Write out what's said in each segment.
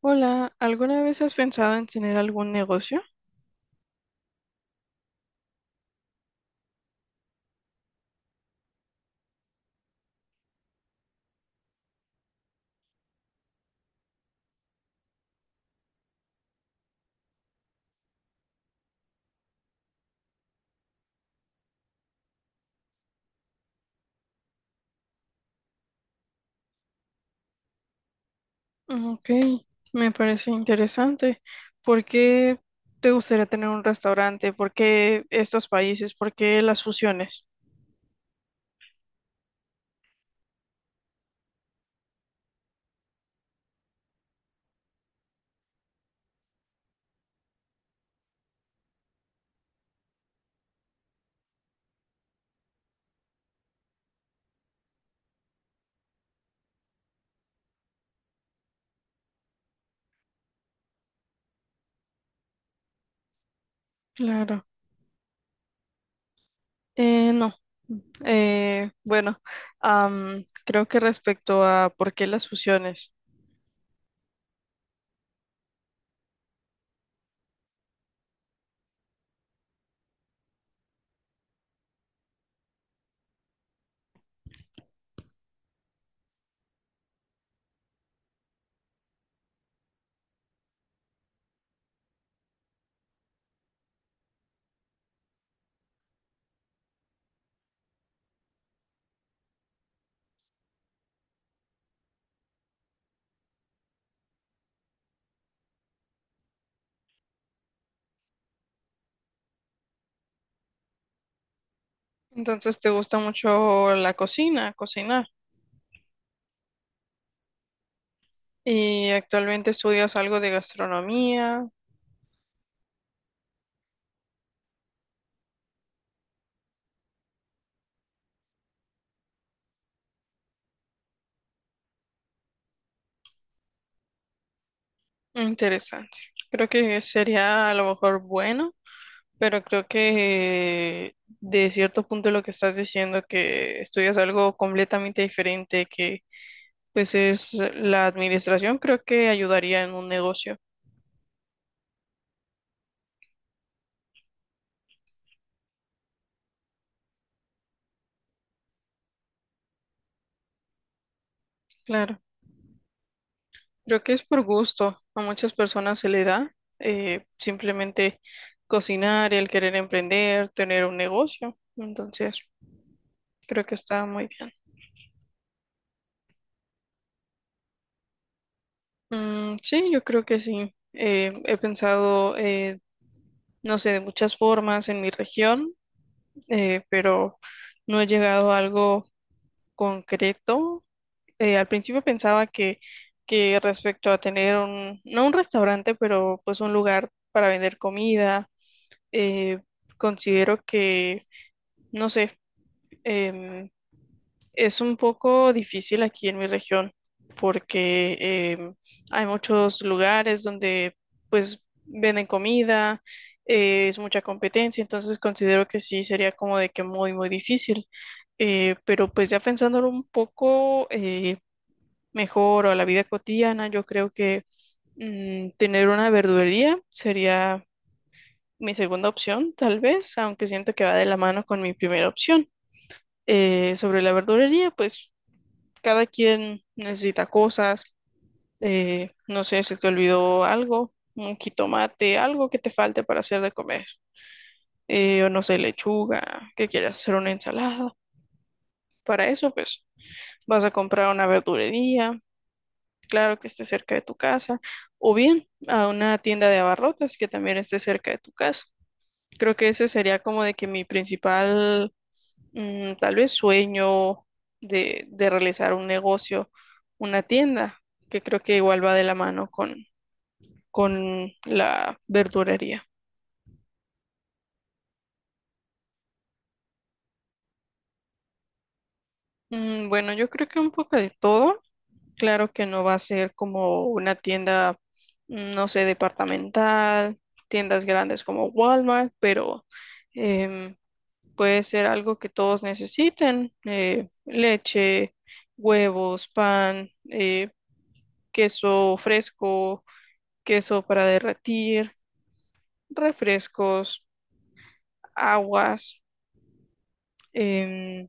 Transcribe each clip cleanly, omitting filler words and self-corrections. Hola, ¿alguna vez has pensado en tener algún negocio? Mm, Ok, me parece interesante. ¿Por qué te gustaría tener un restaurante? ¿Por qué estos países? ¿Por qué las fusiones? Claro. No. Bueno, creo que respecto a por qué las fusiones. Entonces, ¿te gusta mucho la cocina, cocinar? Y actualmente estudias algo de gastronomía. Interesante. Creo que sería a lo mejor bueno, pero creo que de cierto punto lo que estás diciendo, que estudias algo completamente diferente, que pues es la administración, creo que ayudaría en un negocio. Claro. Creo que es por gusto. A muchas personas se le da simplemente cocinar, el querer emprender, tener un negocio. Entonces, creo que está muy bien. Mm, sí, yo creo que sí. He pensado, no sé, de muchas formas en mi región, pero no he llegado a algo concreto. Al principio pensaba que respecto a tener un, no un restaurante, pero pues un lugar para vender comida. eh, Considero que, no sé, em, es un poco difícil aquí en mi región porque em, hay muchos lugares donde pues venden comida, es mucha competencia, entonces considero que sí sería como de que muy, muy difícil. Pero pues ya pensándolo un poco mejor o a la vida cotidiana, yo creo que tener una verdulería sería mi segunda opción, tal vez, aunque siento que va de la mano con mi primera opción. Sobre la verdulería, pues cada quien necesita cosas. No sé si te olvidó algo, un jitomate, algo que te falte para hacer de comer. O no sé, lechuga, que quieras hacer una ensalada. Para eso, pues vas a comprar una verdulería, claro que esté cerca de tu casa, o bien a una tienda de abarrotes que también esté cerca de tu casa. Creo que ese sería como de que mi principal, tal vez, sueño de realizar un negocio, una tienda, que creo que igual va de la mano con la verdurería. Mm, bueno, yo creo que un poco de todo. Claro que no va a ser como una tienda, no sé, departamental, tiendas grandes como Walmart, pero em, puede ser algo que todos necesiten, leche, huevos, pan, queso fresco, queso para derretir, refrescos, aguas, em,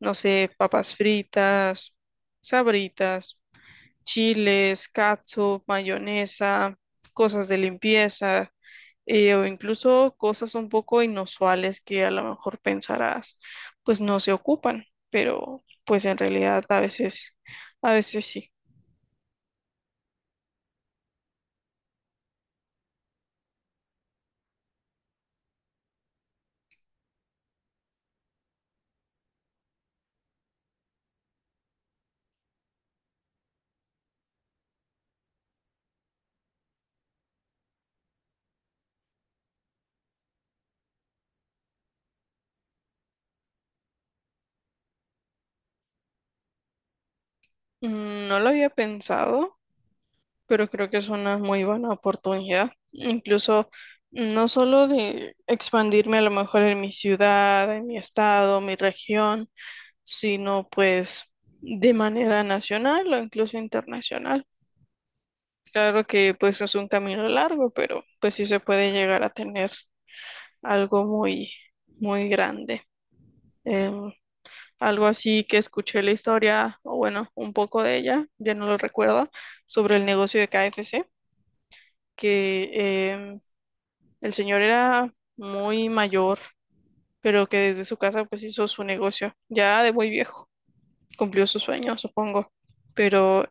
no sé, papas fritas, sabritas, chiles, catsup, mayonesa, cosas de limpieza, o incluso cosas un poco inusuales que a lo mejor pensarás, pues no se ocupan, pero pues en realidad a veces sí. No lo había pensado, pero creo que es una muy buena oportunidad. Incluso no solo de expandirme a lo mejor en mi ciudad, en mi estado, mi región, sino pues de manera nacional o incluso internacional. Claro que pues es un camino largo, pero pues sí se puede llegar a tener algo muy, muy grande. Em, Algo así que escuché la historia, o bueno, un poco de ella, ya no lo recuerdo, sobre el negocio de KFC, que em, el señor era muy mayor, pero que desde su casa pues hizo su negocio, ya de muy viejo, cumplió su sueño, supongo. Pero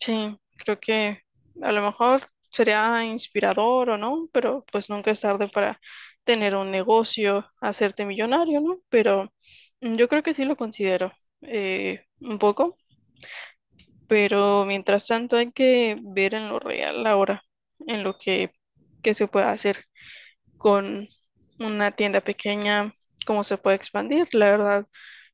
sí, creo que a lo mejor sería inspirador o no, pero pues nunca es tarde para tener un negocio, hacerte millonario, ¿no? Pero yo creo que sí lo considero, un poco, pero mientras tanto hay que ver en lo real ahora, en lo que se puede hacer con una tienda pequeña, cómo se puede expandir. La verdad,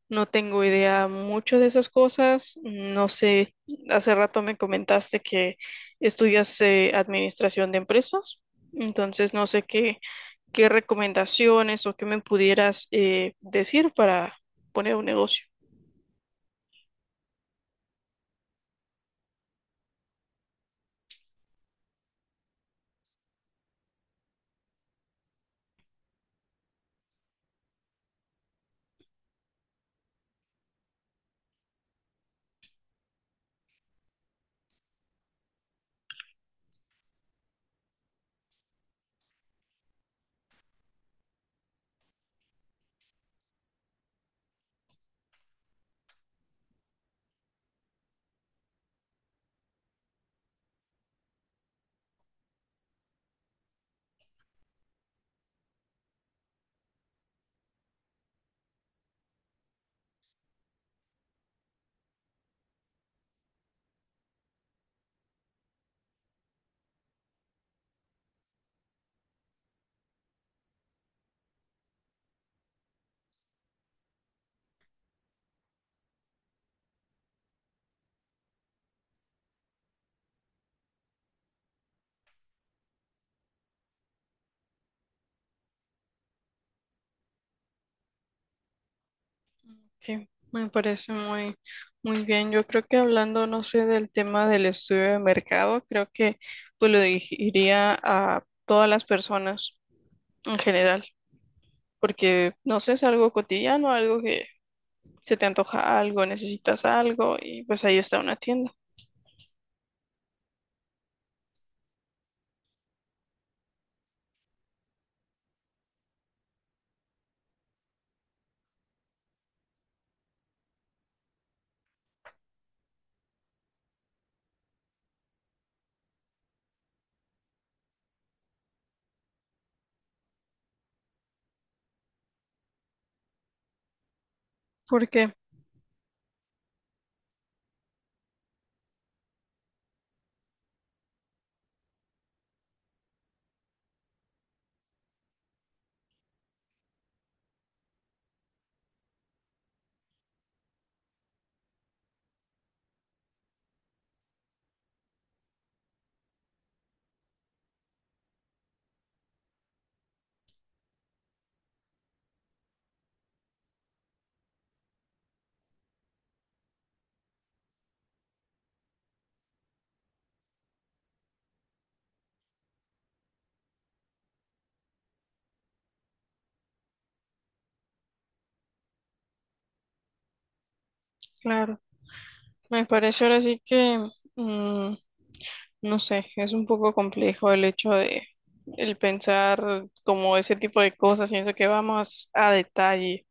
no tengo idea mucho de esas cosas. No sé, hace rato me comentaste que estudias administración de empresas, entonces no sé qué recomendaciones o qué me pudieras decir para poner un negocio. Sí, me parece muy, muy bien. Yo creo que hablando, no sé, del tema del estudio de mercado, creo que pues lo diría a todas las personas en general, porque no sé, es algo cotidiano, algo que se te antoja algo, necesitas algo y pues ahí está una tienda. Porque, claro, me parece ahora sí que, mm, no sé, es un poco complejo el hecho de el pensar como ese tipo de cosas, siento que vamos a detalle.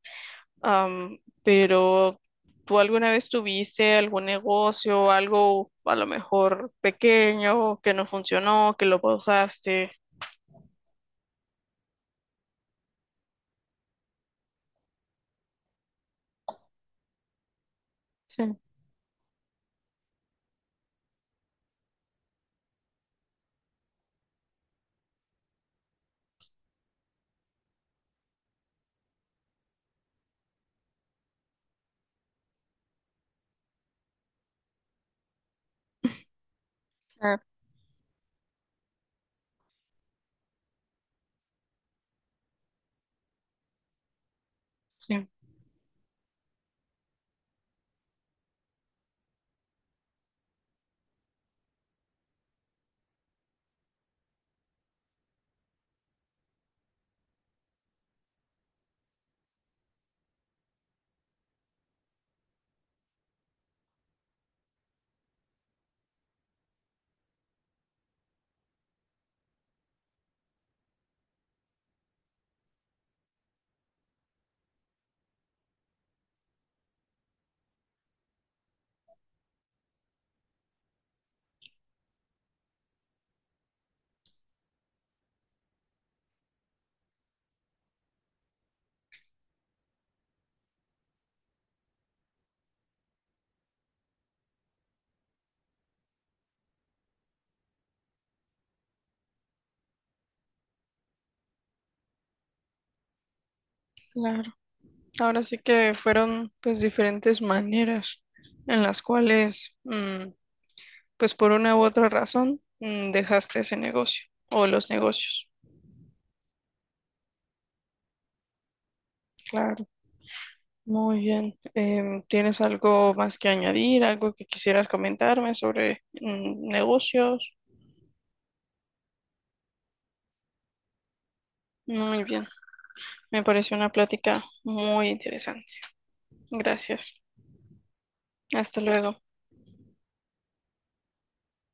Pero ¿tú alguna vez tuviste algún negocio, algo a lo mejor pequeño que no funcionó, que lo pausaste? Sí, claro, sí, claro. Ahora sí que fueron pues diferentes maneras en las cuales, pues por una u otra razón, dejaste ese negocio o los negocios. Claro, muy bien. ¿Tienes algo más que añadir, algo que quisieras comentarme sobre, negocios? Muy bien. Me pareció una plática muy interesante. Gracias. Hasta luego.